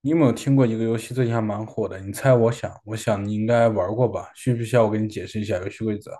你有没有听过一个游戏最近还蛮火的？你猜我想你应该玩过吧？需不需要我给你解释一下游戏规则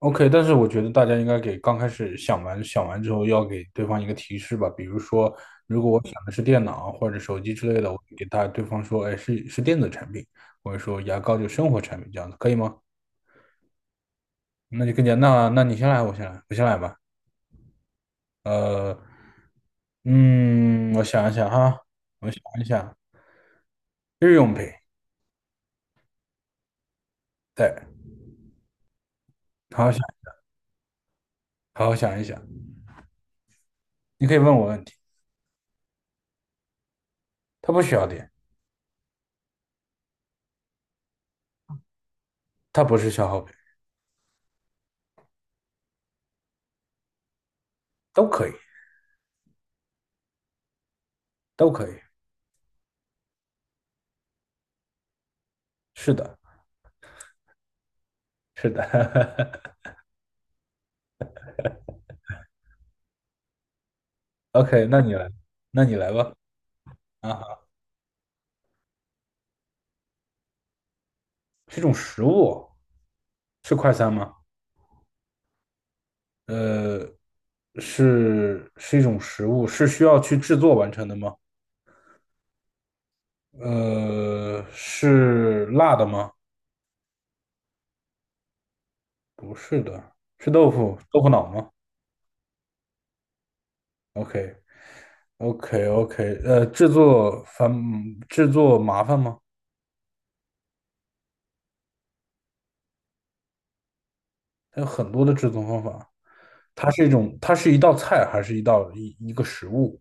？OK,但是我觉得大家应该给刚开始想完之后，要给对方一个提示吧。比如说，如果我想的是电脑或者手机之类的，我给大对方说，哎，是电子产品，或者说牙膏就生活产品这样的，可以吗？那就更加那你先来，我先来吧。呃，嗯，我想一想哈，我想一想，日用品，对，好好想，好好想一想。你可以问我问题。它不需要电，它不是消耗品，都可以，都可以。是的，是的。OK,那你来，那你来吧。啊，是一种食物是快餐吗？呃，是一种食物，是需要去制作完成的吗？呃，是辣的吗？不是的，是豆腐脑吗OK，OK，OK，制作麻烦吗？它有很多的制作方法。它是一种，它是一道菜，还是一道一个食物？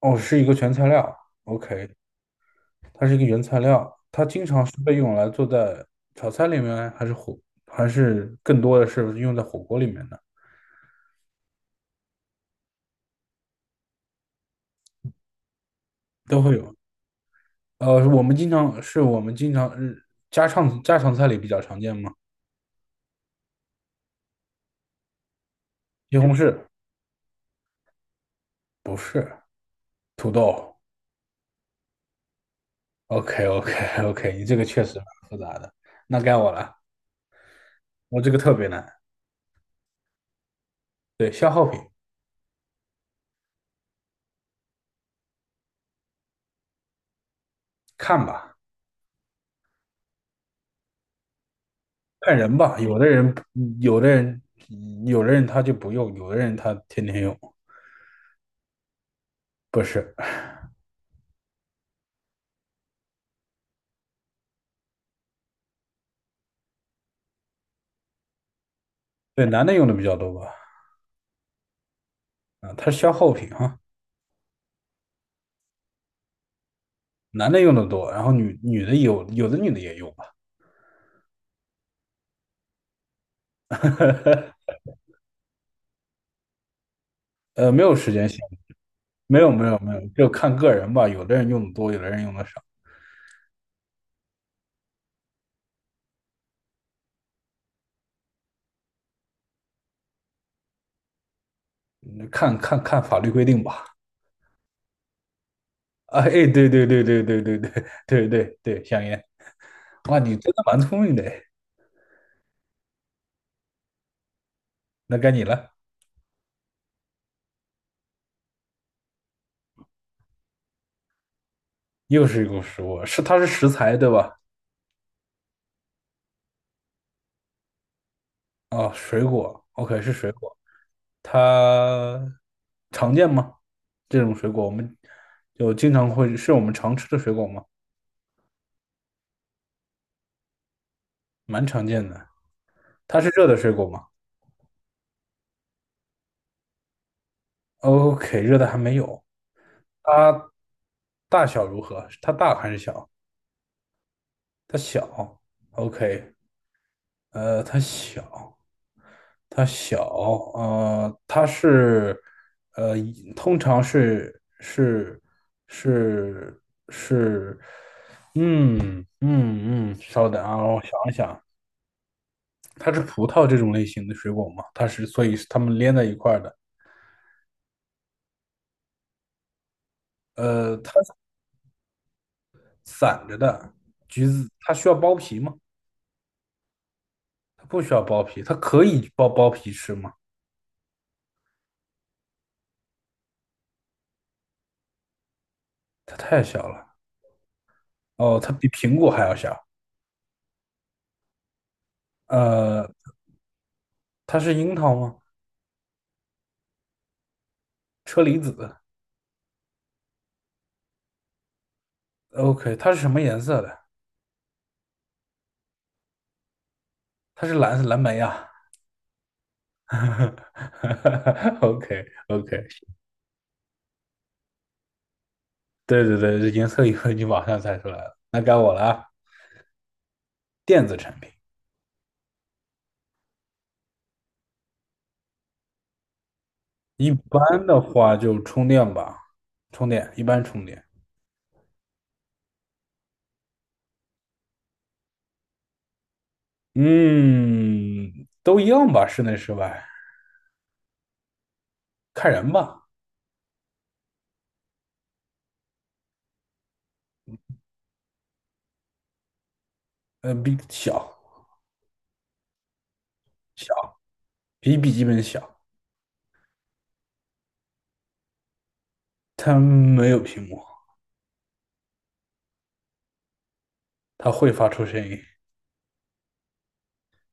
哦，是一个原材料。OK,它是一个原材料，它经常是被用来做在炒菜里面，还是更多的是用在火锅里面的，都会有。呃，我们经常家常菜里比较常见吗？西红柿不是，土豆。OK OK OK,你这个确实蛮复杂的。那该我了，我这个特别难。对，消耗品，看吧。看人吧，有的人，有的人他就不用，有的人他天天用，不是，对，男的用的比较多吧？啊，它是消耗品啊，男的用的多，然后女的有，有的女的也用吧，呃，没有时间限制，没有没有没有，就看个人吧，有的人用的多，有的人用的少，嗯看法律规定吧。啊，哎，对对对，香烟，哇，你真的蛮聪明的，哎那该你了，又是一个食物，是它是食材对吧？哦，水果，OK,是水果，它常见吗？这种水果我们就经常会，是我们常吃的水果吗？蛮常见的。它是热的水果吗？OK,热的还没有。它大小如何？它大还是小？它小。OK,呃，它小。它小，呃，它是，呃，通常是是，稍等啊，我想一想，它是葡萄这种类型的水果吗？它是，所以是它们连在一块儿的，呃，它是散着的，橘子它需要剥皮吗？它不需要剥皮，它可以剥皮吃吗？它太小了，哦，它比苹果还要小，呃，它是樱桃吗？车厘子。OK,它是什么颜色的？它是蓝莓啊。OK OK,对对对，这颜色一问你马上猜出来了。那该我了啊，电子产品，一般的话就充电吧，充电，嗯，都一样吧，室内室外看人吧。呃，比小小比笔记本小，它没有屏幕，它会发出声音，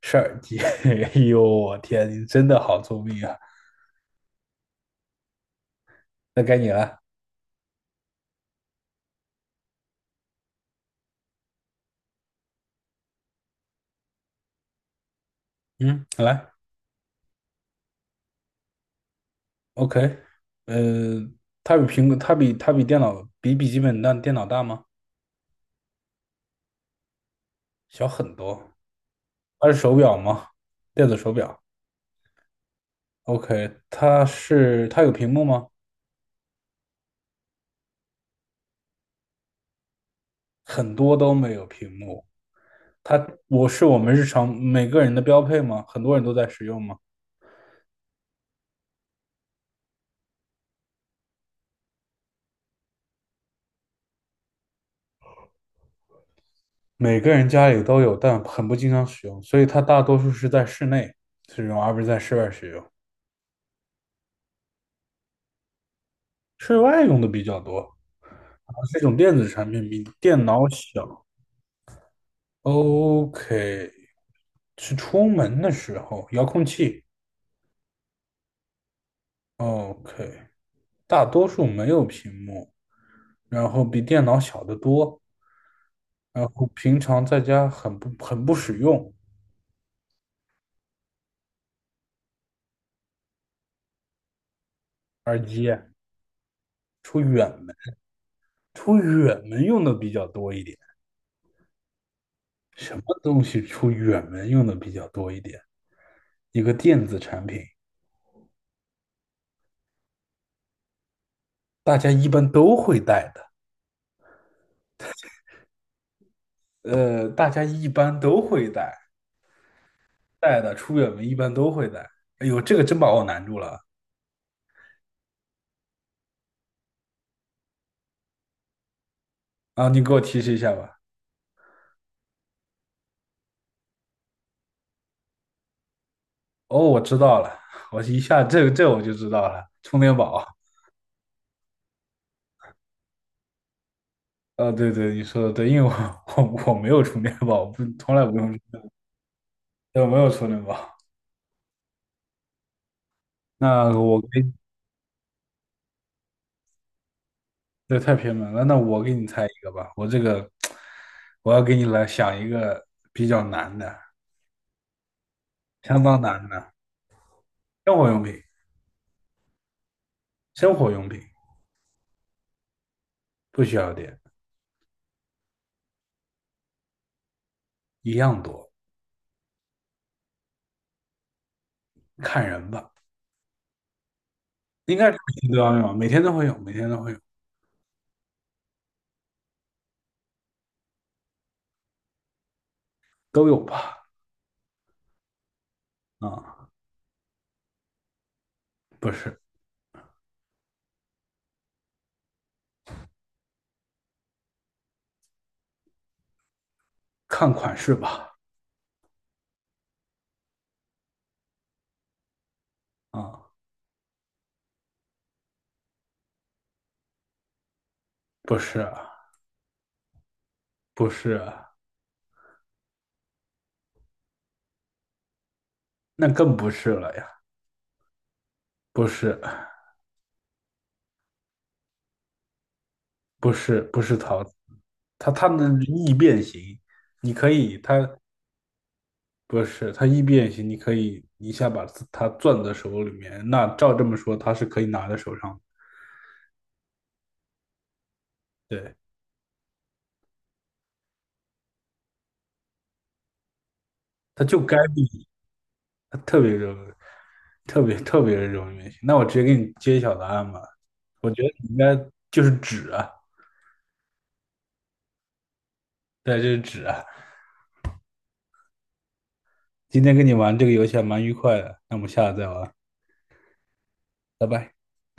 是耳机。哎呦，我天，你真的好聪明啊！那该你了，嗯，来。OK,呃，它比苹果，它比电脑比笔记本大，电脑大吗？小很多。它是手表吗？电子手表。OK,它有屏幕吗？很多都没有屏幕。它我是我们日常每个人的标配吗？很多人都在使用吗？每个人家里都有，但很不经常使用，所以它大多数是在室内使用，而不是在室外使用。室外用的比较多。啊这种电子产品比电脑小。OK,是出门的时候，遥控器。OK,大多数没有屏幕，然后比电脑小得多，然后平常在家很不使用。耳机出远门，出远门用的比较多一点。什么东西出远门用的比较多一点？一个电子产品，大家一般都会带的。呃，大家一般都会带，带的出远门一般都会带。哎呦，这个真把我难住了。啊，你给我提示一下吧。哦，我知道了，我一下这我就知道了，充电宝。啊，对对，你说的对，因为我 我没有充电宝，不从来不用，对，我没有充电宝。那我给，这太偏门了。那我给你猜一个吧，我这个我要给你来想一个比较难的，相当难的生活用品，生活用品不需要电，一样多，看人吧，应该是每天都要用，每天都会有，每天都会有，都有吧？啊，不是。看款式吧。啊、嗯不是，不是，那更不是了呀，不是，不是，不是陶瓷，它能易变形，你可以，它不是它易变形，你可以一下把它攥在手里面，那照这么说，它是可以拿在手上的，对，它就该变形，它特别容易特别特别容易变形。那我直接给你揭晓答案吧，我觉得你应该就是纸啊，对，就是纸啊。今天跟你玩这个游戏还蛮愉快的，那我们下次再玩。拜拜。